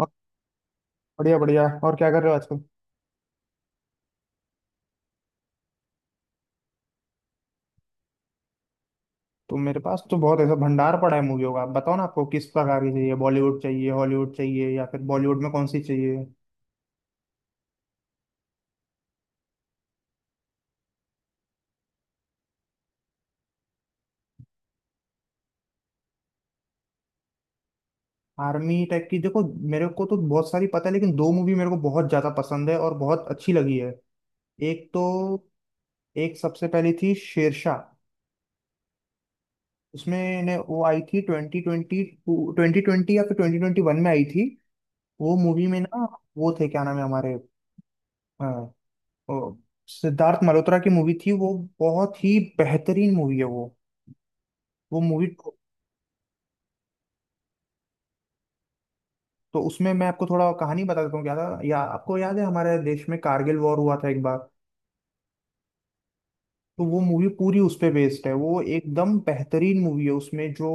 और। बढ़िया बढ़िया। और क्या कर रहे हो आजकल? तो मेरे पास तो बहुत ऐसा भंडार पड़ा है मूवियों का। आप बताओ ना, आपको किस प्रकार की चाहिए? बॉलीवुड चाहिए, हॉलीवुड चाहिए, या फिर बॉलीवुड में कौन सी चाहिए? आर्मी टाइप की? देखो, मेरे को तो बहुत सारी पता है लेकिन दो मूवी मेरे को बहुत ज्यादा पसंद है और बहुत अच्छी लगी है। एक तो, एक सबसे पहली थी शेरशाह। उसमें ने वो आई थी ट्वेंटी ट्वेंटी, ट्वेंटी ट्वेंटी या फिर ट्वेंटी ट्वेंटी वन में आई थी। वो मूवी में ना, वो थे क्या नाम है हमारे, अ, सिद्धार्थ मल्होत्रा की मूवी थी वो। बहुत ही बेहतरीन मूवी है वो। वो मूवी तो उसमें मैं आपको थोड़ा कहानी बता देता हूँ क्या था। या आपको याद है, हमारे देश में कारगिल वॉर हुआ था एक बार? तो वो मूवी पूरी उस पे बेस्ड है। वो एकदम बेहतरीन मूवी है। उसमें जो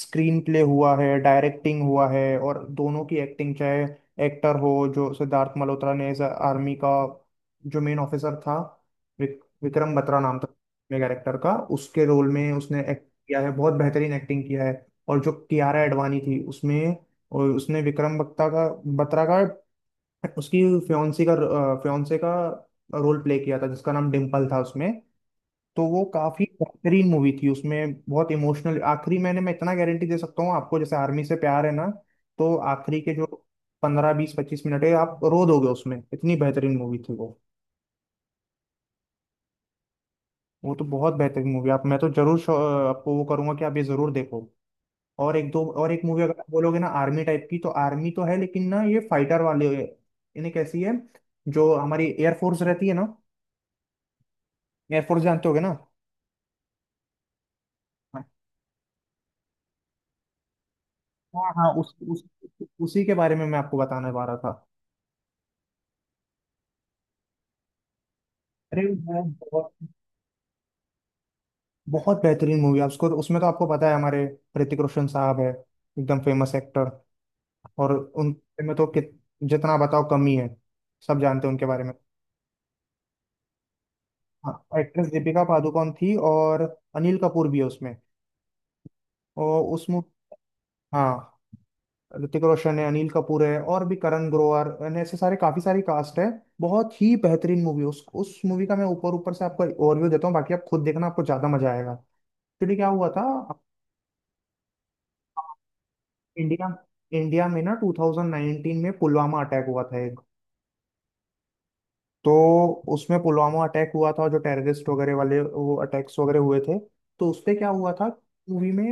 स्क्रीन प्ले हुआ है, डायरेक्टिंग हुआ है, और दोनों की एक्टिंग, चाहे एक्टर हो, जो सिद्धार्थ मल्होत्रा ने एज आर्मी का जो मेन ऑफिसर था, विक्रम बत्रा नाम था कैरेक्टर का, उसके रोल में उसने एक्ट किया है, बहुत बेहतरीन एक्टिंग किया है। और जो कियारा एडवानी थी उसमें, और उसने विक्रम बत्रा का, उसकी फ्योन्सी का फ्योन्से का रोल प्ले किया था जिसका नाम डिम्पल था उसमें। तो वो काफी बेहतरीन मूवी थी, उसमें बहुत इमोशनल आखिरी, मैं इतना गारंटी दे सकता हूँ आपको, जैसे आर्मी से प्यार है ना। तो आखिरी के जो 15 20 25 मिनट है, आप रो दोगे उसमें, इतनी बेहतरीन मूवी थी वो। वो तो बहुत बेहतरीन मूवी। आप मैं तो जरूर आपको वो करूंगा कि आप ये जरूर देखो। और एक दो और एक मूवी अगर आप बोलोगे ना आर्मी टाइप की, तो आर्मी तो है, लेकिन ना, ये फाइटर वाले, इन्हें कैसी है? जो हमारी एयरफोर्स रहती है ना, एयरफोर्स जानते होगे ना? हाँ हाँ, उस उसी के बारे में मैं आपको बताने वाला था। अरे वो बहुत बहुत बेहतरीन मूवी है उसको। उसमें तो आपको पता है, हमारे ऋतिक रोशन साहब है, एकदम फेमस एक्टर। और उनके में तो जितना बताओ कम ही है, सब जानते हैं उनके बारे में। हाँ, एक्ट्रेस दीपिका पादुकोण थी, और अनिल कपूर भी है उसमें। और उसमें हाँ, ऋतिक रोशन है, अनिल कपूर है, और भी करण ग्रोवर, यानी ऐसे सारे, काफी सारी कास्ट है। बहुत ही बेहतरीन मूवी। उस मूवी का मैं ऊपर ऊपर से आपको ओवरव्यू देता हूँ, बाकी आप खुद देखना, आपको ज्यादा मजा आएगा। एक्चुअली क्या हुआ था? इंडिया इंडिया में ना 2019 में पुलवामा अटैक हुआ था एक। तो उसमें पुलवामा अटैक हुआ था, जो टेररिस्ट वगैरह वाले वो अटैक्स वगैरह हुए थे। तो उसपे क्या हुआ था मूवी में?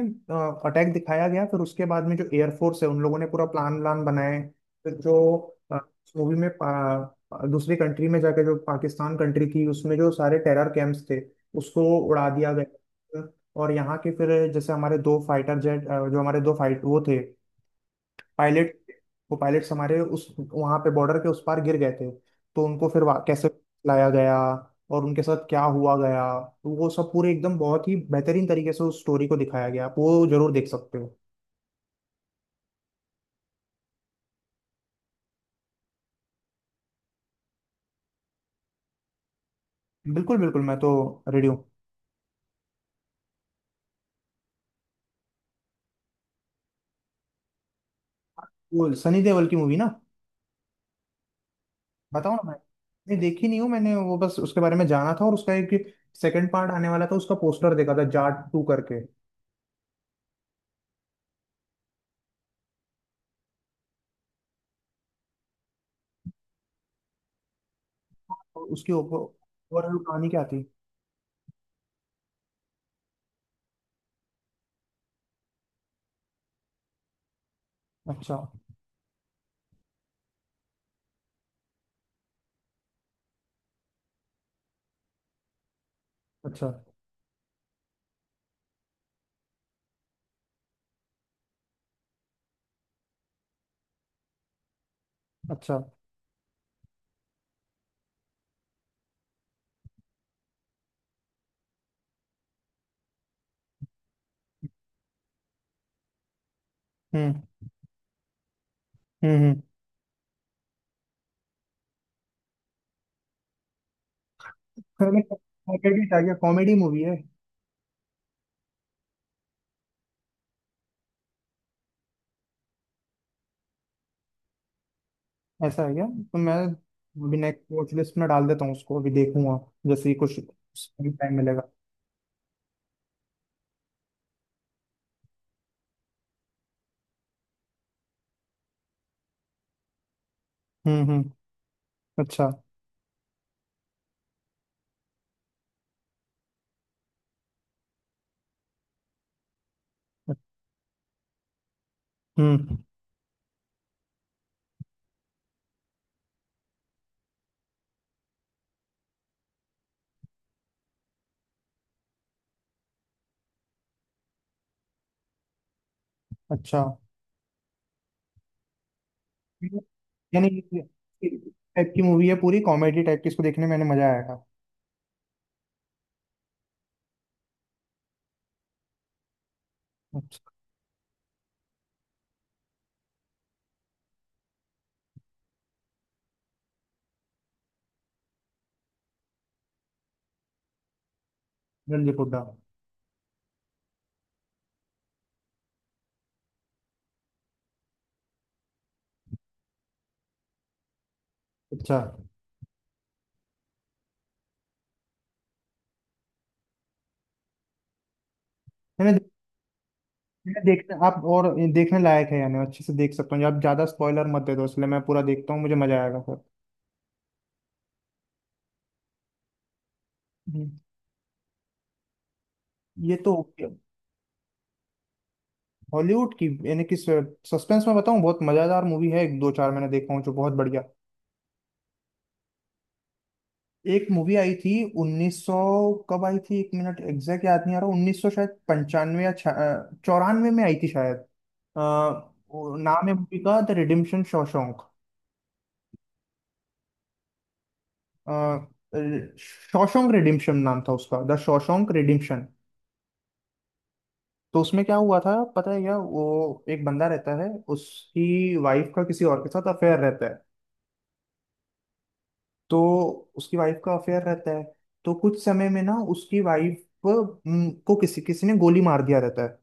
अटैक दिखाया गया, फिर उसके बाद में जो एयरफोर्स है उन लोगों ने पूरा प्लान व्लान बनाए। फिर जो मूवी में दूसरी कंट्री में जाके, जो पाकिस्तान कंट्री थी, उसमें जो सारे टेरर कैंप्स थे, उसको उड़ा दिया गया। और यहाँ के फिर, जैसे हमारे दो फाइटर जेट, जो हमारे दो फाइट वो थे, पायलट, वो पायलट्स हमारे उस वहां पे बॉर्डर के उस पार गिर गए थे। तो उनको फिर कैसे लाया गया और उनके साथ क्या हुआ गया, तो वो सब पूरे एकदम बहुत ही बेहतरीन तरीके से उस स्टोरी को दिखाया गया। आप वो जरूर देख सकते हो। बिल्कुल बिल्कुल, मैं तो रेडी हूँ। वो सनी देओल की मूवी ना? बताओ ना मैं। नहीं, देखी नहीं हूँ मैंने वो, बस उसके बारे में जाना था। और उसका एक सेकंड पार्ट आने वाला था, उसका पोस्टर देखा था जाट टू करके। और उसकी ओवरऑल कहानी क्या थी? अच्छा। अच्छा। अच्छा। हम्म। हम्म। हम्म। पहले कॉमेडी आ गया, कॉमेडी मूवी है? ऐसा है क्या? तो मैं अभी नेक्स्ट वॉच लिस्ट में डाल देता हूँ उसको, अभी देखूंगा जैसे ही कुछ टाइम मिलेगा। हम्म। हम्म। अच्छा। हम्म। अच्छा। यानी ये- ये टाइप की मूवी है, पूरी कॉमेडी टाइप की, इसको देखने में मैंने मजा आएगा। अच्छा। रणदीप हुड्डा। अच्छा। मैंने मैंने देखने आप और, देखने लायक है यानी अच्छे से देख सकता हूँ। आप ज्यादा स्पॉइलर मत दे दो, इसलिए मैं पूरा देखता हूँ, मुझे मजा आएगा फिर। हम्म, ये तो हॉलीवुड की, यानी कि सस्पेंस में बताऊं, बहुत मजेदार मूवी है। एक दो चार मैंने देखा हूँ जो बहुत बढ़िया। एक मूवी आई थी 1900, कब आई थी एक मिनट, एग्जैक्ट याद नहीं आ रहा, 1900 शायद 95 या 94 में आई थी शायद। वो नाम है मूवी का, the redemption Shawshank. Shawshank redemption नाम था उसका, द शॉशोंक रिडिम्पशन। तो उसमें क्या हुआ था पता है क्या? वो एक बंदा रहता है, उसकी वाइफ का किसी और के साथ अफेयर रहता है। तो उसकी वाइफ का अफेयर रहता है। तो कुछ समय में ना उसकी वाइफ को किसी किसी ने गोली मार दिया रहता है।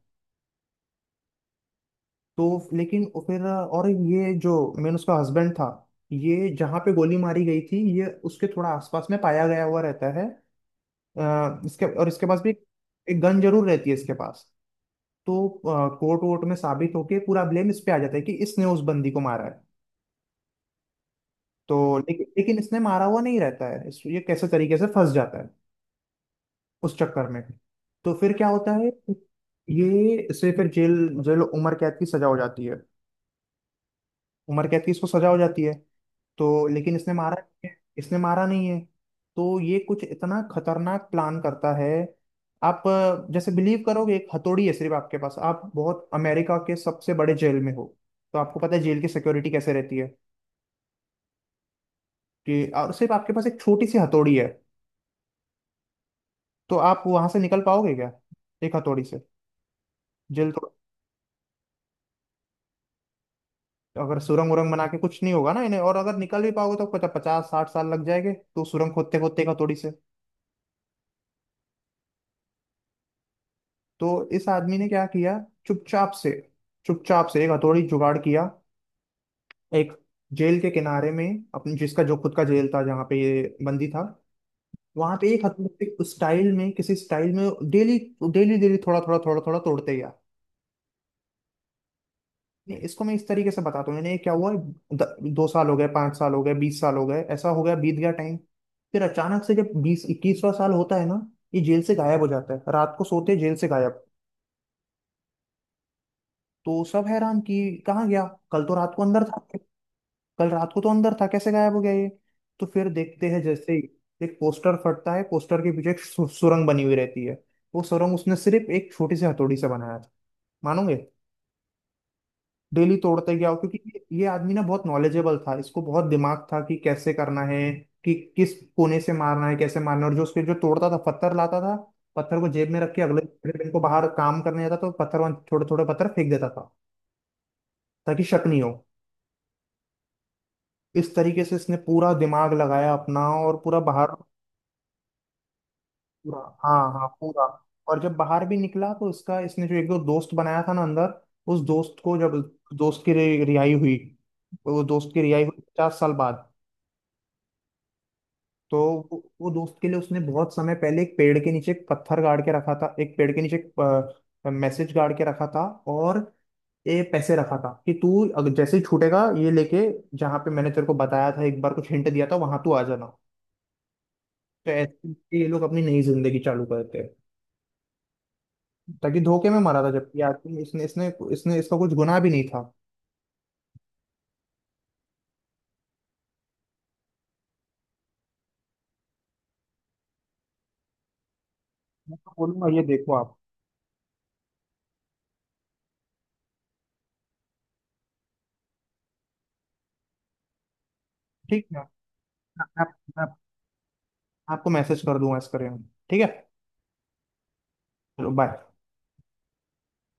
तो लेकिन वो फिर, और ये जो मेन उसका हस्बैंड था, ये जहाँ पे गोली मारी गई थी, ये उसके थोड़ा आसपास में पाया गया हुआ रहता है। इसके पास भी एक एक गन जरूर रहती है इसके पास। तो कोर्ट वोर्ट में साबित होके पूरा ब्लेम इस पे आ जाता है कि इसने उस बंदी को मारा है। तो लेकिन लेकिन इसने मारा हुआ नहीं रहता है, ये कैसे तरीके से फंस जाता है उस चक्कर में। तो फिर क्या होता है? ये से फिर जेल जेल उम्र कैद की सजा हो जाती है, उम्र कैद की इसको सजा हो जाती है। तो लेकिन इसने मारा नहीं है, इसने मारा नहीं है। तो ये कुछ इतना खतरनाक प्लान करता है। आप जैसे बिलीव करोगे, एक हथौड़ी है सिर्फ आपके पास, आप बहुत, अमेरिका के सबसे बड़े जेल में हो, तो आपको पता है जेल की सिक्योरिटी कैसे रहती है, कि और सिर्फ आपके पास एक छोटी सी हथौड़ी है, तो आप वहां से निकल पाओगे क्या, एक हथौड़ी से जेल तो? अगर सुरंग उरंग बना के कुछ नहीं होगा ना इन्हें, और अगर निकल भी पाओगे तो पता 50 60 साल लग जाएंगे, तो सुरंग खोदते खोदते एक हथौड़ी से। तो इस आदमी ने क्या किया, चुपचाप से, चुपचाप से एक हथौड़ी जुगाड़ किया। एक जेल के किनारे में, अपने जिसका जो खुद का जेल था जहाँ पे ये बंदी था, वहां पे एक हथौड़ी से उस स्टाइल में, किसी स्टाइल में डेली डेली डेली थोड़ा थोड़ा थोड़ा थोड़ा तोड़ते गया। नहीं, इसको मैं इस तरीके से बताता हूँ, यानी क्या हुआ, 2 साल हो गए, 5 साल हो गए, 20 साल हो गए, ऐसा हो गया, बीत गया टाइम। फिर अचानक से जब बीस इक्कीसवां साल होता है ना, ये जेल से गायब हो जाता है, रात को सोते जेल से गायब। तो सब हैरान कि कहाँ गया, कल तो रात को अंदर था, कल रात को तो अंदर था, कैसे गायब हो गया ये? तो फिर देखते हैं, जैसे ही एक पोस्टर फटता है, पोस्टर के पीछे एक सुरंग बनी हुई रहती है। वो सुरंग उसने सिर्फ एक छोटी सी हथौड़ी से बनाया था, मानोगे? डेली तोड़ते गया, क्योंकि ये आदमी ना बहुत नॉलेजेबल था, इसको बहुत दिमाग था कि कैसे करना है, कि किस कोने से मारना है, कैसे मारना है। और जो उसके जो तोड़ता था, पत्थर लाता था, पत्थर को जेब में रख के अगले अगले दिन को बाहर काम करने जाता, तो पत्थर वहां थोड़े थोड़े पत्थर फेंक देता था ताकि शक नहीं हो। इस तरीके से इसने पूरा दिमाग लगाया अपना, और पूरा बाहर, पूरा, हाँ हाँ, पूरा। और जब बाहर भी निकला, तो इसका इसने जो एक दो दोस्त बनाया था ना अंदर, उस दोस्त को जब दोस्त की रिहाई हुई, वो दोस्त की रिहाई हुई 50 साल बाद। तो वो दोस्त के लिए उसने बहुत समय पहले एक पेड़ के नीचे एक पत्थर गाड़ के रखा था, एक पेड़ के नीचे एक मैसेज गाड़ के रखा था। और ये पैसे रखा था कि तू, अगर जैसे ही छूटेगा, ये लेके जहाँ पे मैंने तेरे को बताया था एक बार, कुछ हिंट दिया था, वहां तू आ जाना। तो ऐसे ही ये लोग अपनी नई जिंदगी चालू करते हैं, ताकि, धोखे में मरा था जबकि आदमी, इसने इसने इसने इसका कुछ गुनाह भी नहीं था। मैं तो बोलूंगा, ये देखो आप। ठीक है। मैं- मैं- मैं आपको मैसेज कर दूंगा इसके बारे में। ठीक है। चलो, बाय।